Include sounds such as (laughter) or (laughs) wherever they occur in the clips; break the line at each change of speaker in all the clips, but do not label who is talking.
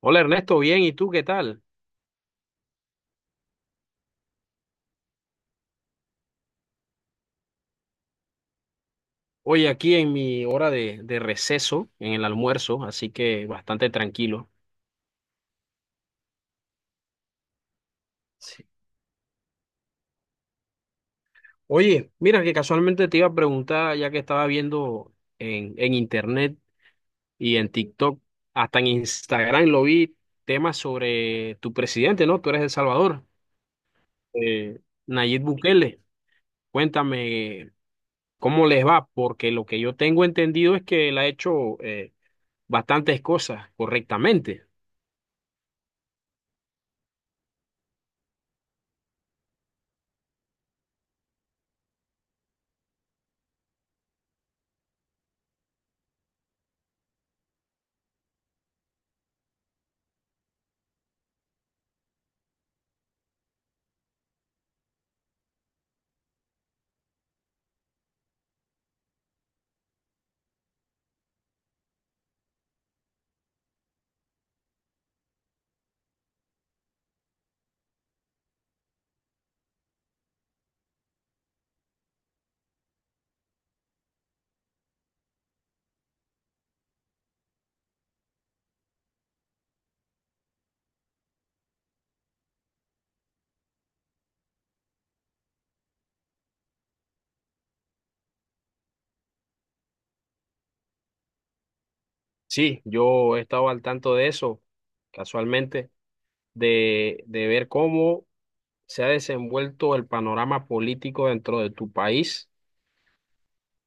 Hola Ernesto, bien, ¿y tú qué tal? Hoy aquí en mi hora de receso, en el almuerzo, así que bastante tranquilo. Sí. Oye, mira que casualmente te iba a preguntar, ya que estaba viendo en internet y en TikTok, hasta en Instagram lo vi, temas sobre tu presidente, ¿no? Tú eres de El Salvador, eh, Nayib Bukele. Cuéntame cómo les va, porque lo que yo tengo entendido es que él ha hecho bastantes cosas correctamente. Sí, yo he estado al tanto de eso, casualmente, de ver cómo se ha desenvuelto el panorama político dentro de tu país.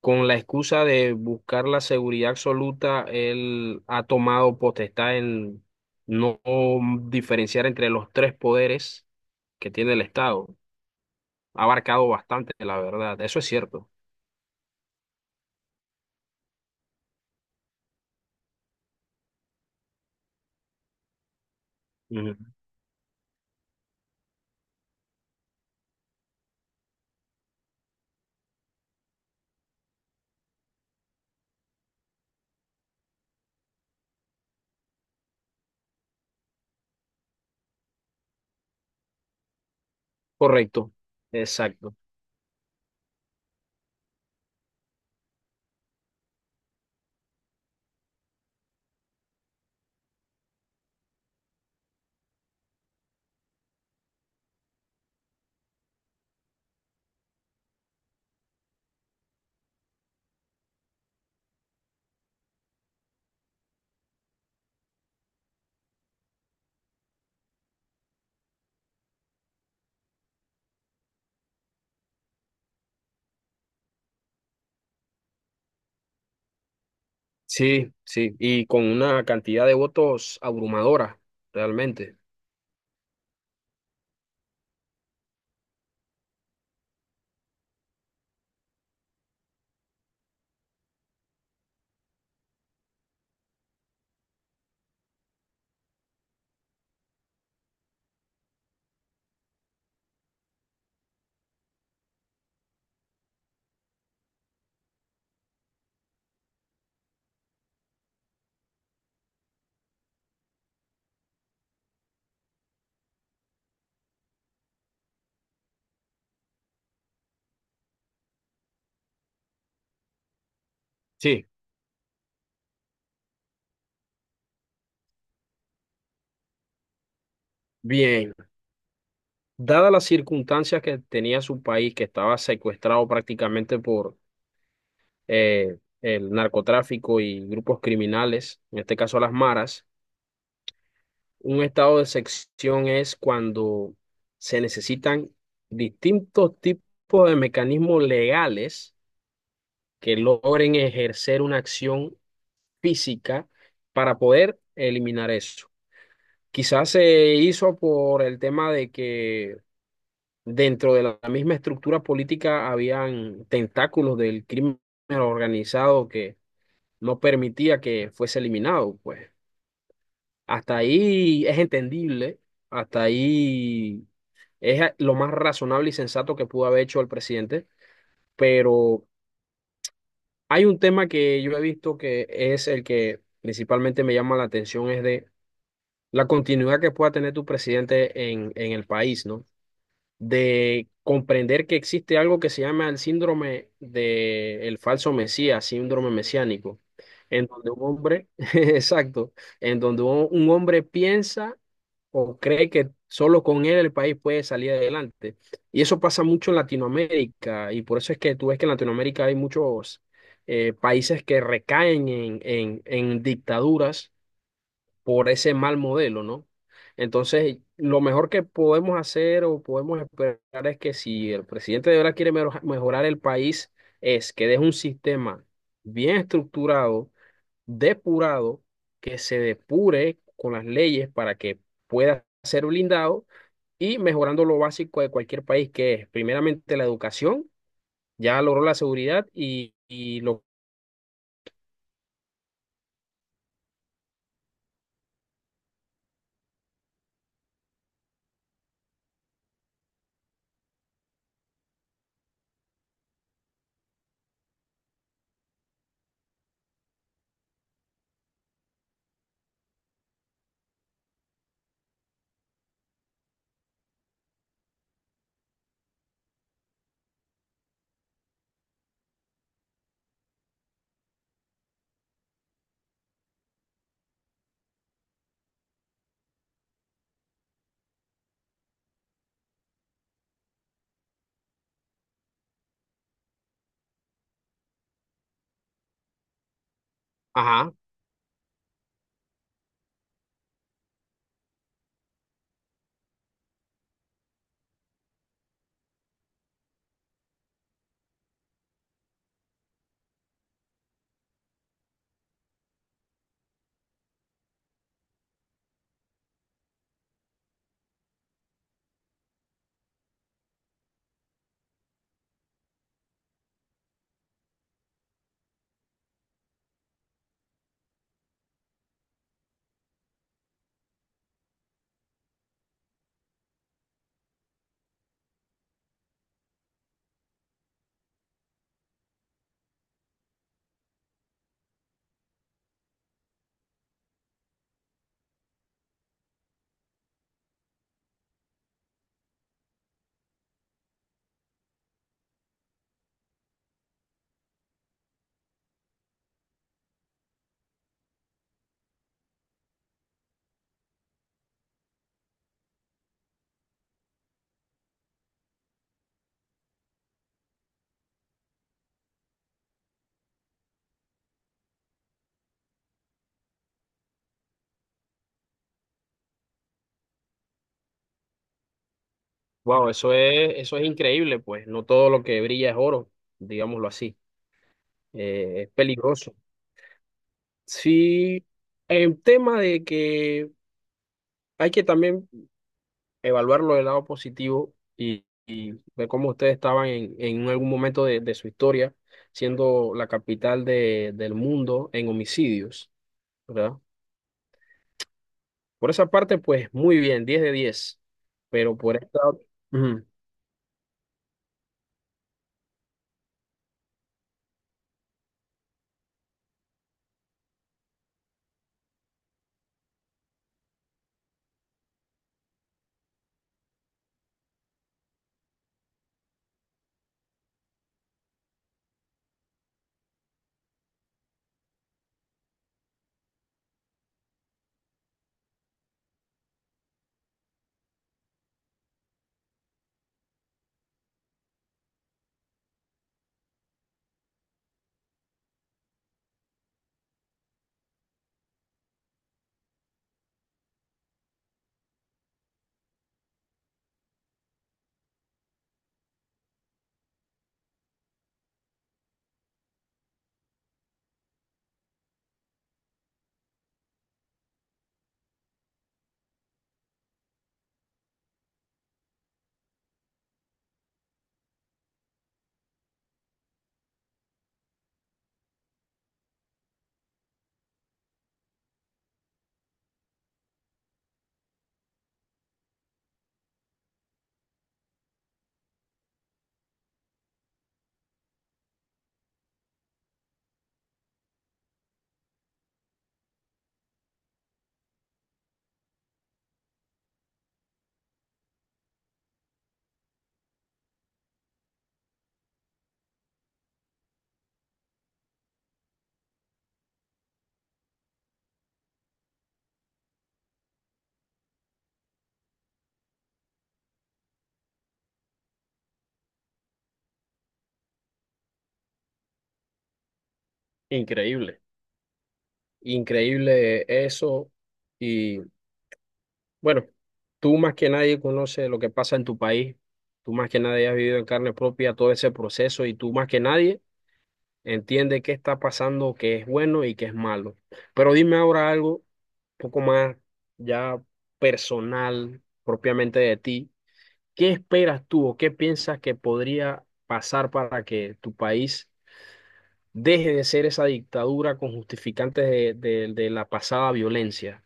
Con la excusa de buscar la seguridad absoluta, él ha tomado potestad en no diferenciar entre los tres poderes que tiene el Estado. Ha abarcado bastante, la verdad, eso es cierto. Ujú. Correcto, exacto. Sí, sí, y con una cantidad de votos abrumadora, realmente. Sí, bien. Dadas las circunstancias que tenía su país, que estaba secuestrado prácticamente por el narcotráfico y grupos criminales, en este caso las maras, un estado de sección es cuando se necesitan distintos tipos de mecanismos legales que logren ejercer una acción física para poder eliminar eso. Quizás se hizo por el tema de que dentro de la misma estructura política habían tentáculos del crimen organizado que no permitía que fuese eliminado, pues. Hasta ahí es entendible, hasta ahí es lo más razonable y sensato que pudo haber hecho el presidente, pero hay un tema que yo he visto que es el que principalmente me llama la atención, es de la continuidad que pueda tener tu presidente en el país, ¿no? De comprender que existe algo que se llama el síndrome de el falso mesías, síndrome mesiánico, en donde un hombre, (laughs) exacto, en donde un hombre piensa o cree que solo con él el país puede salir adelante. Y eso pasa mucho en Latinoamérica, y por eso es que tú ves que en Latinoamérica hay muchos países que recaen en dictaduras por ese mal modelo, ¿no? Entonces, lo mejor que podemos hacer o podemos esperar es que si el presidente de verdad quiere mejorar el país, es que deje un sistema bien estructurado, depurado, que se depure con las leyes para que pueda ser blindado, y mejorando lo básico de cualquier país, que es primeramente la educación, ya logró la seguridad y lo... Ajá. Wow, eso es increíble, pues. No todo lo que brilla es oro, digámoslo así. Es peligroso. Sí, el tema de que hay que también evaluarlo del lado positivo y ver cómo ustedes estaban en algún momento de su historia, siendo la capital del mundo en homicidios, ¿verdad? Por esa parte, pues muy bien, 10 de 10. Pero por esta, ujú, increíble, increíble eso. Bueno, tú más que nadie conoces lo que pasa en tu país, tú más que nadie has vivido en carne propia todo ese proceso y tú más que nadie entiende qué está pasando, qué es bueno y qué es malo. Pero dime ahora algo un poco más ya personal, propiamente de ti. ¿Qué esperas tú o qué piensas que podría pasar para que tu país deje de ser esa dictadura con justificantes de la pasada violencia?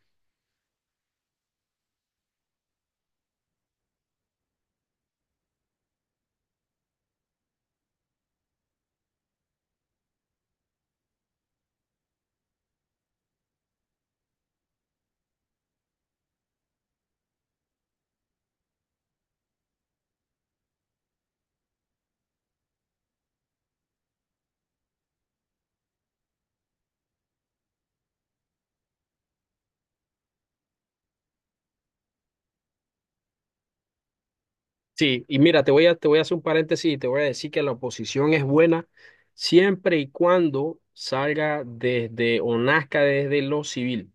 Sí, y mira, te voy a hacer un paréntesis y te voy a decir que la oposición es buena siempre y cuando salga desde o nazca desde lo civil.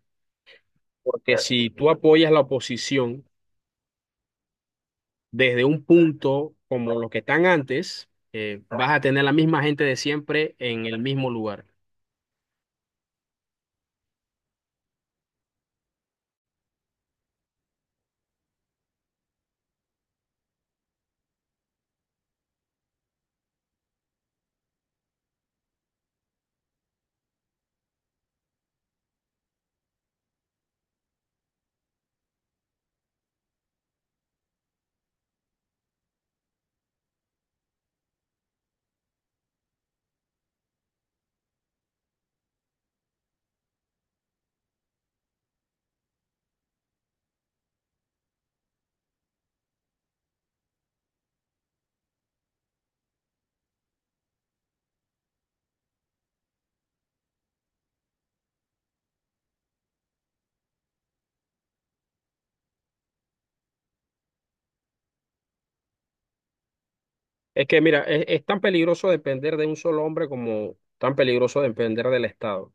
Porque si tú apoyas la oposición desde un punto como los que están antes, vas a tener la misma gente de siempre en el mismo lugar. Es que mira, es tan peligroso depender de un solo hombre como tan peligroso depender del Estado.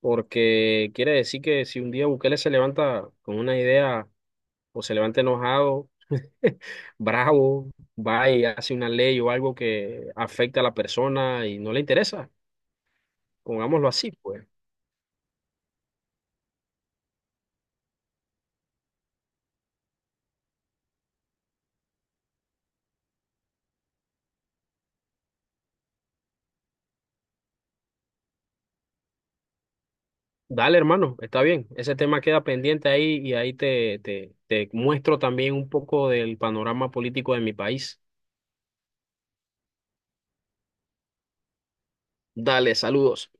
Porque quiere decir que si un día Bukele se levanta con una idea o se levanta enojado, (laughs) bravo, va y hace una ley o algo que afecta a la persona y no le interesa. Pongámoslo así, pues. Dale, hermano, está bien. Ese tema queda pendiente ahí y ahí te muestro también un poco del panorama político de mi país. Dale, saludos.